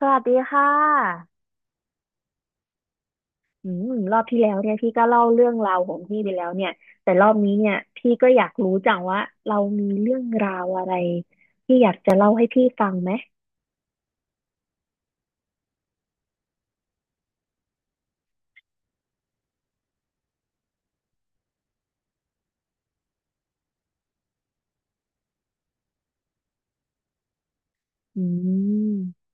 สวัสดีค่ะอืมรอบที่แล้วเนี่ยพี่ก็เล่าเรื่องราวของพี่ไปแล้วเนี่ย แต่รอบนี้เนี่ยพี่ก็อยากรู้จังว่าเรามีเรื่องราวอะไรที่อยากจะเล่าให้พี่ฟังไหมอืม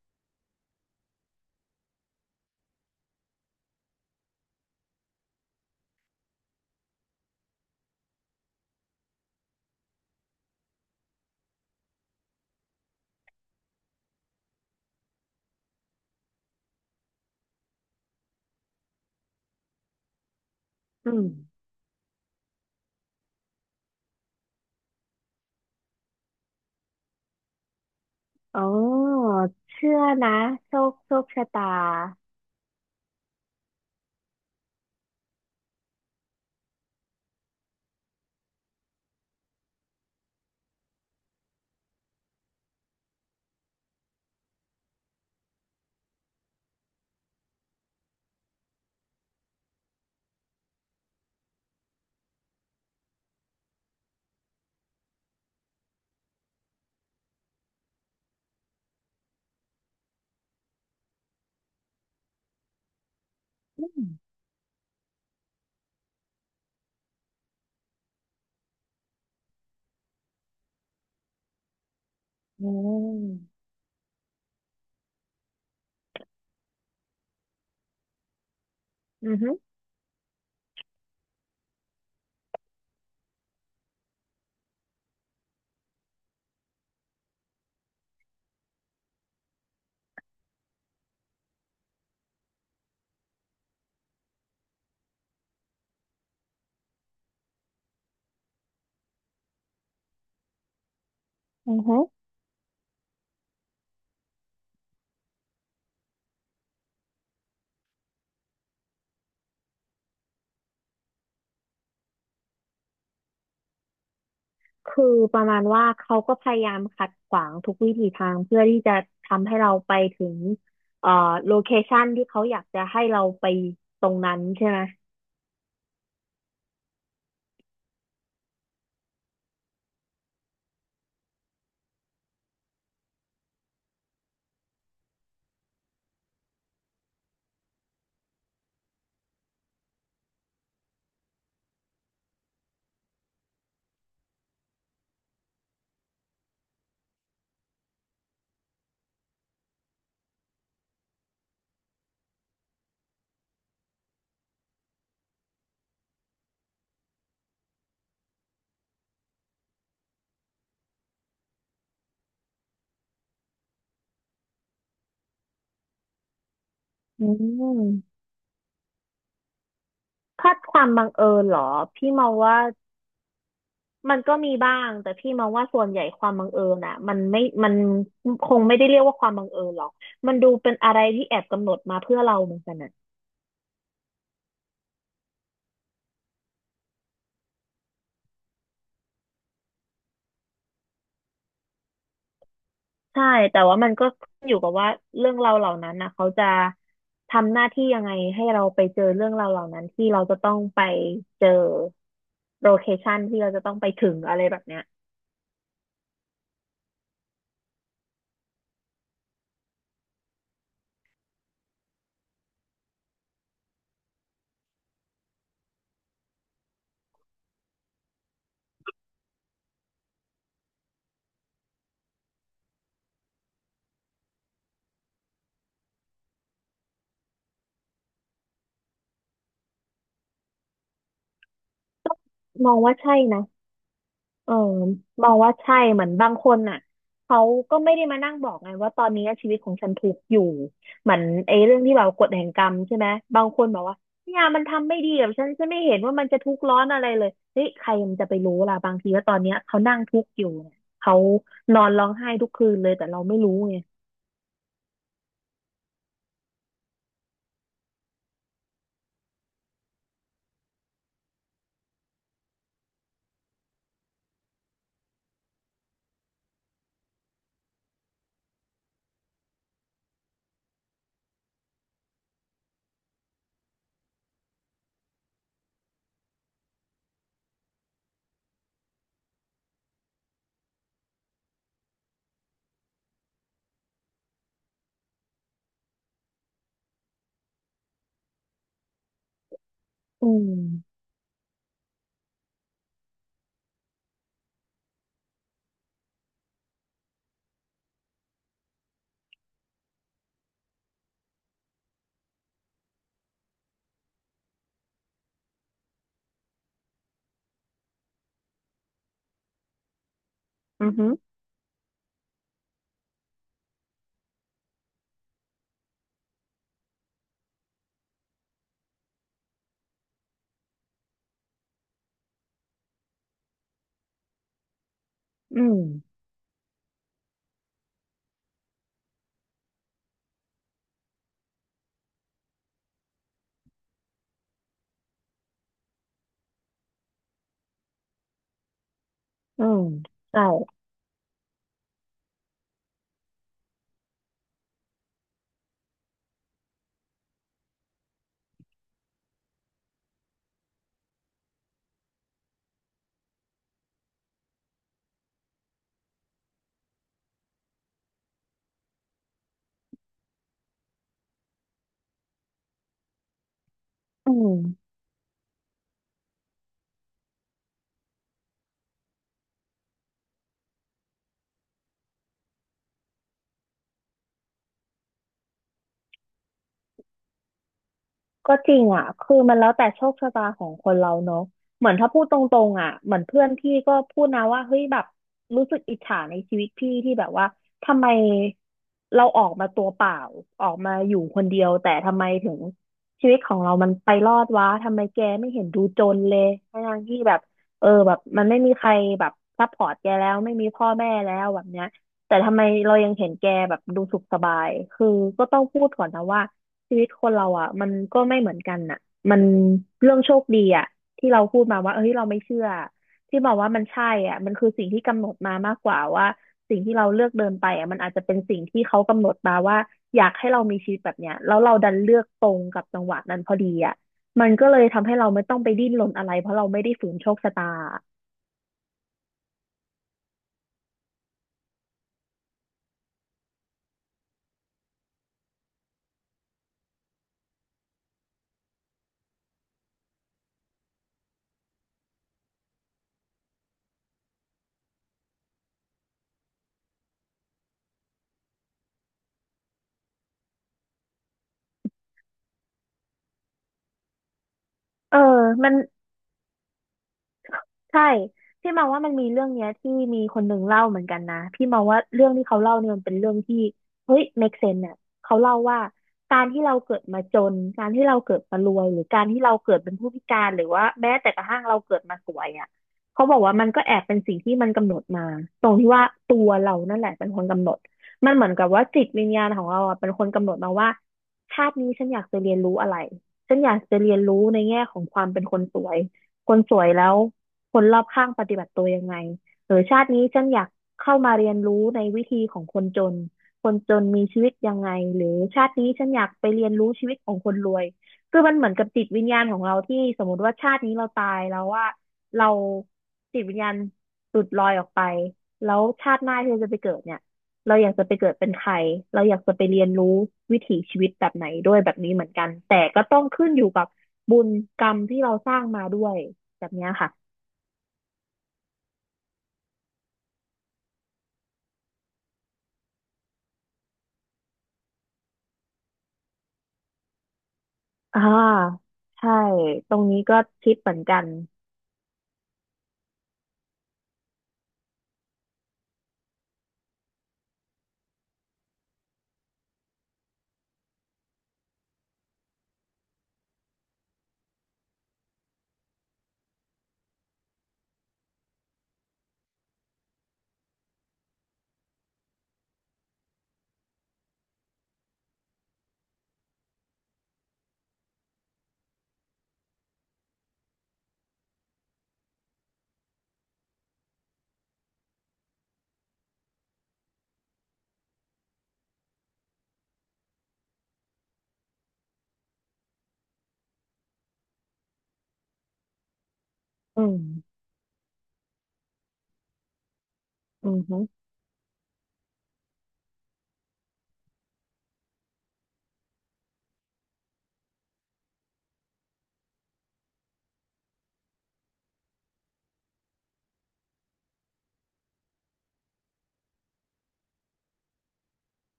อืมอ๋อเชื่อนะโชคชะตาอืมอืมอือฮึอือฮึ คือประมาณว่าเขาก็พยายามขัดขวางทุกวิถีทางเพื่อที่จะทำให้เราไปถึงเอ่อโลเคชันที่เขาอยากจะให้เราไปตรงนั้นใช่ไหมอืมถ้าความบังเอิญเหรอพี่มองว่ามันก็มีบ้างแต่พี่มองว่าส่วนใหญ่ความบังเอิญอ่ะมันไม่มันคงไม่ได้เรียกว่าความบังเอิญหรอกมันดูเป็นอะไรที่แอบกำหนดมาเพื่อเราเหมือนกันนะ ใช่แต่ว่ามันก็ขึ้นอยู่กับว่าเรื่องราวเหล่านั้นนะเขาจะทำหน้าที่ยังไงให้เราไปเจอเรื่องราวเหล่านั้นที่เราจะต้องไปเจอโลเคชันที่เราจะต้องไปถึงอะไรแบบเนี้ยมองว่าใช่นะ เออมองว่าใช่เหมือนบางคนน่ะเขาก็ไม่ได้มานั่งบอกไงว่าตอนนี้ชีวิตของฉันทุกข์อยู่เหมือนไอ้เรื่องที่แบบกฎแห่งกรรมใช่ไหมบางคนบอกว่าเนี่ยมันทำไม่ดีกับฉันฉันไม่เห็นว่ามันจะทุกข์ร้อนอะไรเลยเฮ้ยใครมันจะไปรู้ล่ะบางทีว่าตอนเนี้ยเขานั่งทุกข์อยู่เนี่ยเขานอนร้องไห้ทุกคืนเลยแต่เราไม่รู้ไงอืมอือฮึอืมอืมใช่อืม ก็จริงอ่ะคือมันแล้วแต่โชคชะตาของคนเราเนอะเหมือนถ้าพูดตรงๆอ่ะเหมือนเพื่อนพี่ก็พูดนะว่าเฮ้ยแบบรู้สึกอิจฉาในชีวิตพี่ที่แบบว่าทำไมเราออกมาตัวเปล่าออกมาอยู่คนเดียวแต่ทำไมถึงชีวิตของเรามันไปรอดวะทำไมแกไม่เห็นดูจนเลยทั้งๆที่แบบเออแบบมันไม่มีใครแบบซัพพอร์ตแกแล้วไม่มีพ่อแม่แล้วแบบเนี้ยแต่ทำไมเรายังเห็นแกแบบดูสุขสบายคือก็ต้องพูดก่อนนะว่า ชีวิตคนเราอ่ะมันก็ไม่เหมือนกันน่ะมันเรื่องโชคดีอ่ะที่เราพูดมาว่าเอ้ยเราไม่เชื่อที่บอกว่ามันใช่อ่ะมันคือสิ่งที่กำหนดมามากกว่าว่าสิ่งที่เราเลือกเดินไปอ่ะมันอาจจะเป็นสิ่งที่เขากำหนดมาว่าอยากให้เรามีชีวิตแบบเนี้ยแล้วเราดันเลือกตรงกับจังหวะนั้นพอดีอ่ะมันก็เลยทำให้เราไม่ต้องไปดิ้นรนอะไรเพราะเราไม่ได้ฝืนโชคชะตาเออมัน ใช่พี่มองว่ามันมีเรื่องเนี้ยที่มีคนหนึ่งเล่าเหมือนกันนะพี่มาว่าเรื่องที่เขาเล่าเนี่ยมันเป็นเรื่องที่เฮ้ย make sense เนี่ยเขาเล่าว่าการที่เราเกิดมาจนการที่เราเกิดมารวยหรือการที่เราเกิดเป็นผู้พิการหรือว่าแม้แต่กระทั่งเราเกิดมาสวยอ่ะเขาบอกว่ามันก็แอบเป็นสิ่งที่มันกำหนดมาตรงที่ว่าตัวเรานั่นแหละเป็นคนกำหนดมันเหมือนกับว่าจิตวิญญาณของเราอ่ะเป็นคนกำหนดมาว่าชาตินี้ฉันอยากจะเรียนรู้อะไรฉันอยากจะเรียนรู้ในแง่ของความเป็นคนสวย คนสวยแล้วคนรอบข้างปฏิบัติตัวยังไงหรือชาตินี้ฉันอยากเข้ามาเรียนรู้ในวิธีของคนจนคนจนมีชีวิตยังไงหรือชาตินี้ฉันอยากไปเรียนรู้ชีวิตของคนรวยคือมันเหมือนกับจิตวิญญาณของเราที่สมมติว่าชาตินี้เราตายแล้วว่าเราจิตวิญญาณหลุดลอยออกไปแล้วชาติหน้าที่เราจะไปเกิดเนี่ยเราอยากจะไปเกิดเป็นใครเราอยากจะไปเรียนรู้วิถีชีวิตแบบไหนด้วยแบบนี้เหมือนกันแต่ก็ต้องขึ้นอยู่กับบุญกรรมที่เราสร้างมาด้วย แบบเนี้ยค่ะอ่าใช่ ตรงนี้ก็คิดเหมือนกัน อืมอือฮึ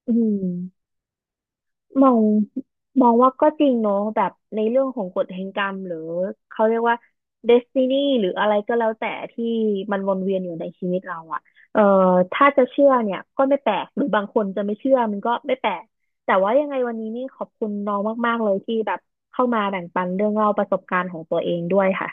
อืมมองมองว่าก็จริงเนอะแบบในเรื่องของกฎแห่งกรรมหรือเขาเรียกว่าเดสตินีหรืออะไรก็แล้วแต่ที่มันวนเวียนอยู่ในชีวิตเราอะเอ่อถ้าจะเชื่อเนี่ยก็ไม่แปลกหรือบางคนจะไม่เชื่อมันก็ไม่แปลกแต่ว่ายังไงวันนี้นี่ขอบคุณน้องมากๆเลยที่แบบเข้ามาแบ่งปันเรื่องเล่าประสบการณ์ของตัวเองด้วยค่ะ